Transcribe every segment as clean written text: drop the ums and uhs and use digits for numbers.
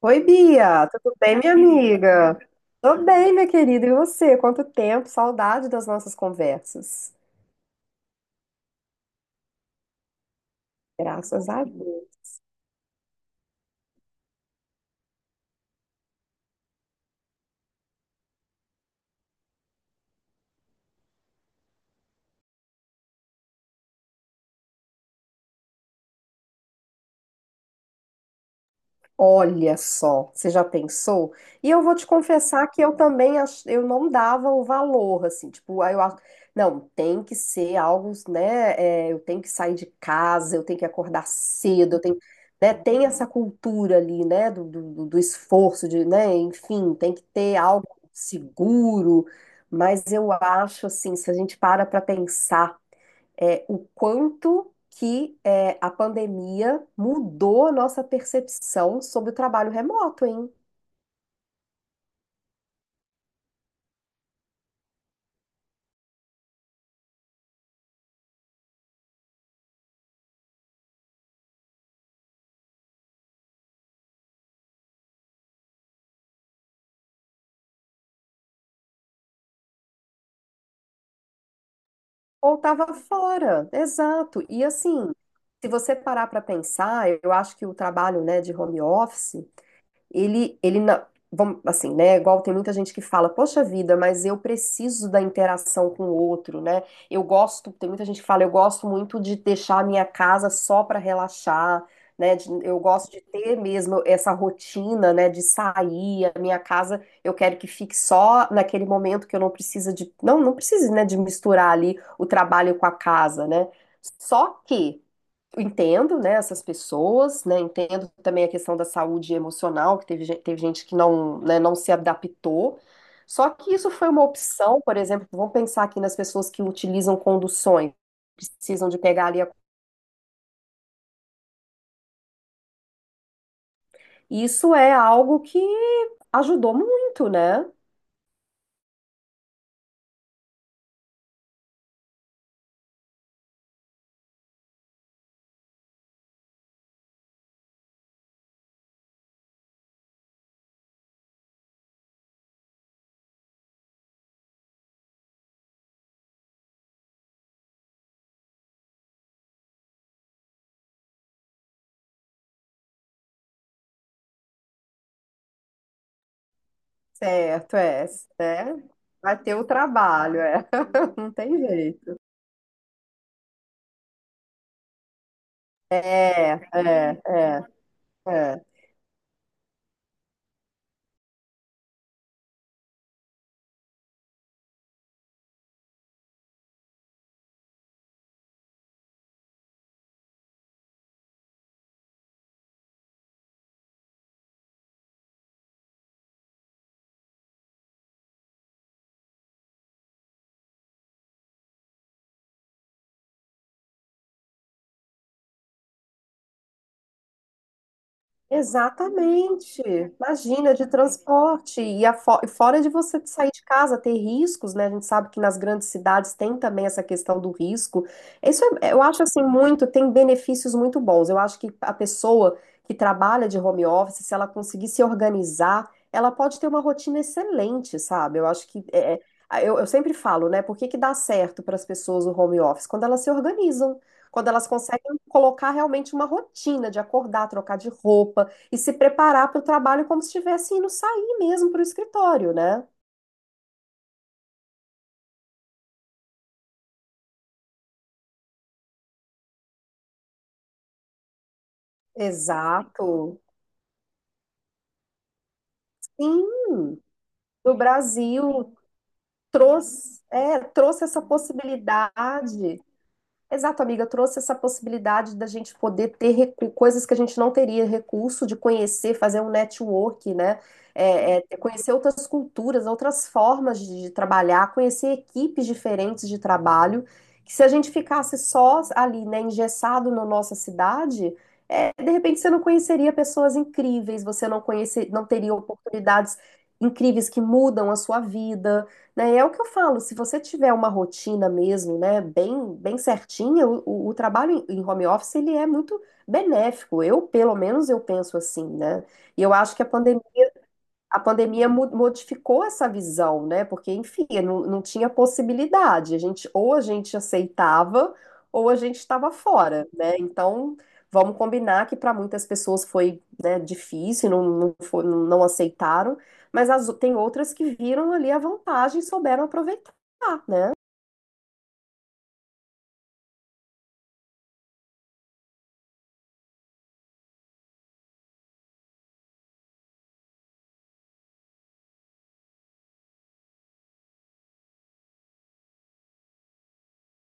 Oi, Bia, tudo bem, minha amiga? Tô bem, minha querida, e você? Quanto tempo? Saudade das nossas conversas. Graças a Deus. Olha só, você já pensou? E eu vou te confessar que eu também eu não dava o valor, assim, tipo, aí eu acho, não, tem que ser algo, né? É, eu tenho que sair de casa, eu tenho que acordar cedo, eu tenho, né? Tem essa cultura ali, né? Do esforço, de, né? Enfim, tem que ter algo seguro. Mas eu acho assim, se a gente para pensar é, o quanto que é, a pandemia mudou a nossa percepção sobre o trabalho remoto, hein? Ou estava fora, exato. E assim, se você parar para pensar, eu acho que o trabalho, né, de home office vamos, assim, né? Igual tem muita gente que fala, poxa vida, mas eu preciso da interação com o outro, né? Eu gosto, tem muita gente que fala, eu gosto muito de deixar a minha casa só para relaxar, né? Eu gosto de ter mesmo essa rotina, né? De sair, a minha casa, eu quero que fique só naquele momento que eu não precise, né? De misturar ali o trabalho com a casa, né? Só que eu entendo, né, essas pessoas, né, entendo também a questão da saúde emocional, que teve gente que não, né, não se adaptou. Só que isso foi uma opção, por exemplo, vamos pensar aqui nas pessoas que utilizam conduções, precisam de pegar ali a... Isso é algo que ajudou muito, né? Certo, é, né? Vai ter o trabalho, é. Não tem jeito. É, é, é, é. Exatamente. Imagina, de transporte. E, e fora de você sair de casa, ter riscos, né? A gente sabe que nas grandes cidades tem também essa questão do risco. Eu acho assim muito, tem benefícios muito bons. Eu acho que a pessoa que trabalha de home office, se ela conseguir se organizar, ela pode ter uma rotina excelente, sabe? Eu acho que é, eu sempre falo, né? Por que que dá certo para as pessoas o home office? Quando elas se organizam. Quando elas conseguem colocar realmente uma rotina de acordar, trocar de roupa e se preparar para o trabalho como se estivesse indo sair mesmo para o escritório, né? Exato. Sim, no Brasil trouxe, é, trouxe essa possibilidade. Exato, amiga, trouxe essa possibilidade da gente poder ter coisas que a gente não teria recurso, de conhecer, fazer um network, né? Conhecer outras culturas, outras formas de trabalhar, conhecer equipes diferentes de trabalho, que se a gente ficasse só ali, né, engessado na nossa cidade, é, de repente você não conheceria pessoas incríveis, você não conhece, não teria oportunidades incríveis que mudam a sua vida, né? É o que eu falo, se você tiver uma rotina mesmo, né, bem, bem certinha, o, o trabalho em, em home office ele é muito benéfico. Eu, pelo menos, eu penso assim, né? E eu acho que a pandemia modificou essa visão, né? Porque, enfim, não, não tinha possibilidade. A gente, ou a gente aceitava, ou a gente estava fora, né? Então, vamos combinar que para muitas pessoas foi, né, difícil, não aceitaram, mas as, tem outras que viram ali a vantagem e souberam aproveitar, né?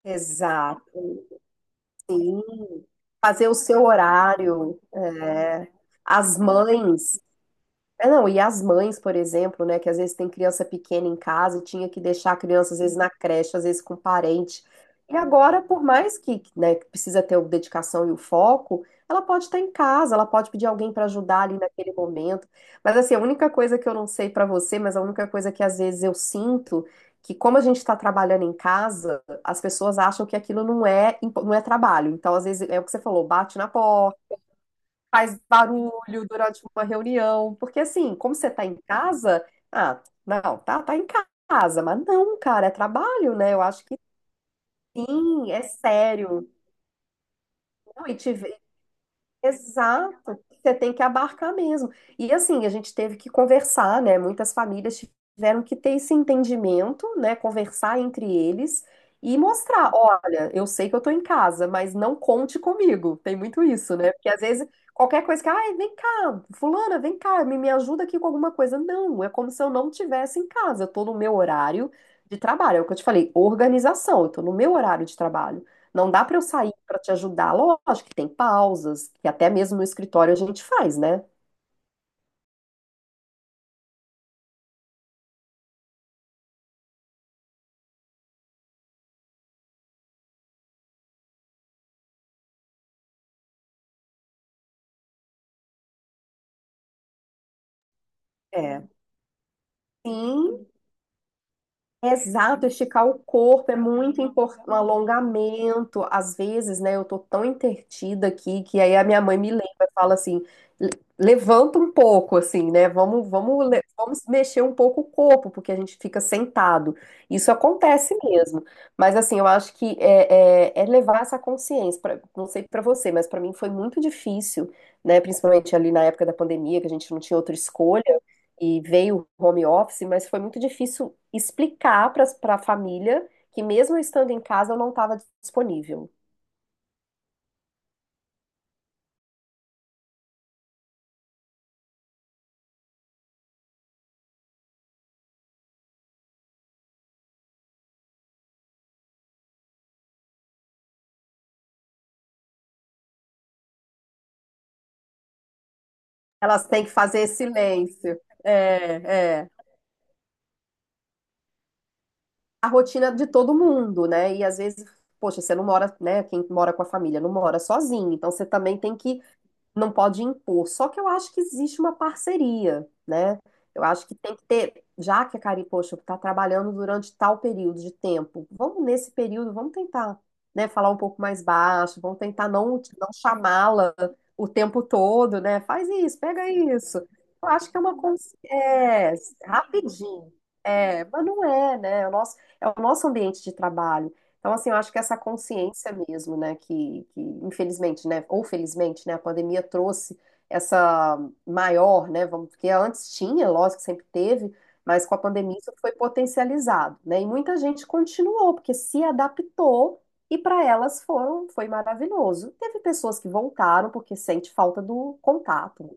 Exato, sim. Fazer o seu horário, né? As mães. É, não, e as mães, por exemplo, né, que às vezes tem criança pequena em casa e tinha que deixar a criança, às vezes, na creche, às vezes com parente. E agora, por mais que, né, que precisa ter a dedicação e o foco, ela pode estar em casa, ela pode pedir alguém para ajudar ali naquele momento. Mas, assim, a única coisa que eu não sei para você, mas a única coisa que às vezes eu sinto, que como a gente está trabalhando em casa, as pessoas acham que aquilo não é trabalho. Então, às vezes, é o que você falou, bate na porta, faz barulho durante uma reunião, porque assim, como você tá em casa, ah, não, tá em casa, mas não, cara, é trabalho, né? Eu acho que sim, é sério. Não, e te, exato, você tem que abarcar mesmo. E assim, a gente teve que conversar, né? Muitas famílias tiveram que ter esse entendimento, né? Conversar entre eles e mostrar: olha, eu sei que eu tô em casa, mas não conte comigo. Tem muito isso, né? Porque às vezes qualquer coisa que, ai, vem cá, fulana, vem cá, me ajuda aqui com alguma coisa. Não, é como se eu não tivesse em casa, eu tô no meu horário de trabalho. É o que eu te falei, organização, eu tô no meu horário de trabalho. Não dá para eu sair para te ajudar. Lógico que tem pausas, que até mesmo no escritório a gente faz, né? É. Sim, exato, esticar o corpo é muito importante, um alongamento. Às vezes, né, eu tô tão entretida aqui que aí a minha mãe me lembra, fala assim, "Le- Levanta um pouco, assim, né? Vamos, vamos, vamos mexer um pouco o corpo, porque a gente fica sentado. Isso acontece mesmo. Mas assim, eu acho que é, é levar essa consciência. Não sei pra você, mas pra mim foi muito difícil, né? Principalmente ali na época da pandemia, que a gente não tinha outra escolha e veio home office, mas foi muito difícil explicar para a família que mesmo eu estando em casa eu não estava disponível. Elas têm que fazer silêncio. É, é. A rotina de todo mundo, né? E às vezes, poxa, você não mora, né? Quem mora com a família não mora sozinho, então você também tem que, não pode impor. Só que eu acho que existe uma parceria, né? Eu acho que tem que ter, já que a Cari, poxa, está trabalhando durante tal período de tempo, vamos nesse período, vamos tentar, né, falar um pouco mais baixo, vamos tentar não chamá-la o tempo todo, né? Faz isso, pega isso. Eu acho que é rapidinho. É, mas não é, né? É o nosso ambiente de trabalho. Então, assim, eu acho que essa consciência mesmo, né, que infelizmente, né, ou felizmente, né, a pandemia trouxe essa maior, né, vamos, porque antes tinha, lógico que sempre teve, mas com a pandemia isso foi potencializado, né, e muita gente continuou, porque se adaptou e para elas foi maravilhoso. Teve pessoas que voltaram porque sente falta do contato.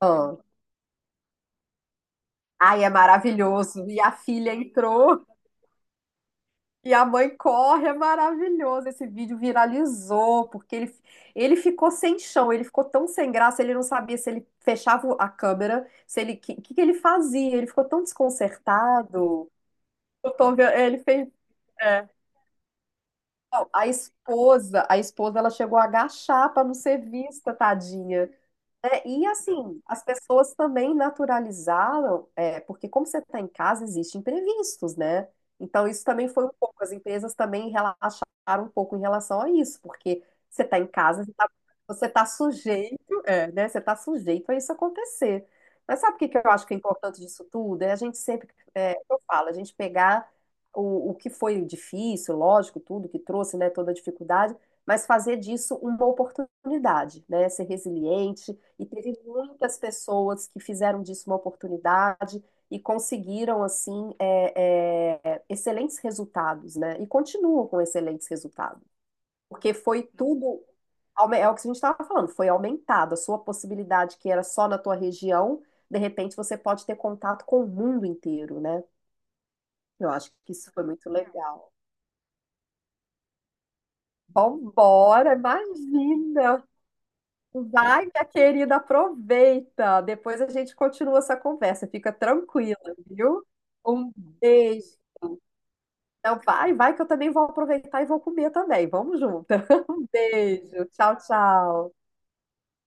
Ah, ai, é maravilhoso, e a filha entrou. E a mãe corre, é maravilhoso. Esse vídeo viralizou, porque ele ficou sem chão, ele ficou tão sem graça, ele não sabia se ele fechava a câmera, se ele, o que, que ele fazia, ele ficou tão desconcertado. Ele fez. É. Não, a esposa, ela chegou a agachar para não ser vista, tadinha. É, e assim, as pessoas também naturalizaram, é, porque como você está em casa, existem imprevistos, né? Então, isso também foi um pouco, as empresas também relaxaram um pouco em relação a isso, porque você está, você tá sujeito, é, né? Você está sujeito a isso acontecer. Mas sabe o que que eu acho que é importante disso tudo? É a gente sempre, é, eu falo, a gente pegar o que foi difícil, lógico, tudo que trouxe, né, toda a dificuldade, mas fazer disso uma oportunidade, né? Ser resiliente e teve muitas pessoas que fizeram disso uma oportunidade e conseguiram, assim, excelentes resultados, né? E continuam com excelentes resultados. Porque foi tudo, é o que a gente estava falando, foi aumentado. A sua possibilidade, que era só na tua região, de repente você pode ter contato com o mundo inteiro, né? Eu acho que isso foi muito legal. Vambora, imagina! Vai, minha querida, aproveita. Depois a gente continua essa conversa. Fica tranquila, viu? Um beijo. Então, vai, vai, que eu também vou aproveitar e vou comer também. Vamos juntas. Um beijo. Tchau, tchau.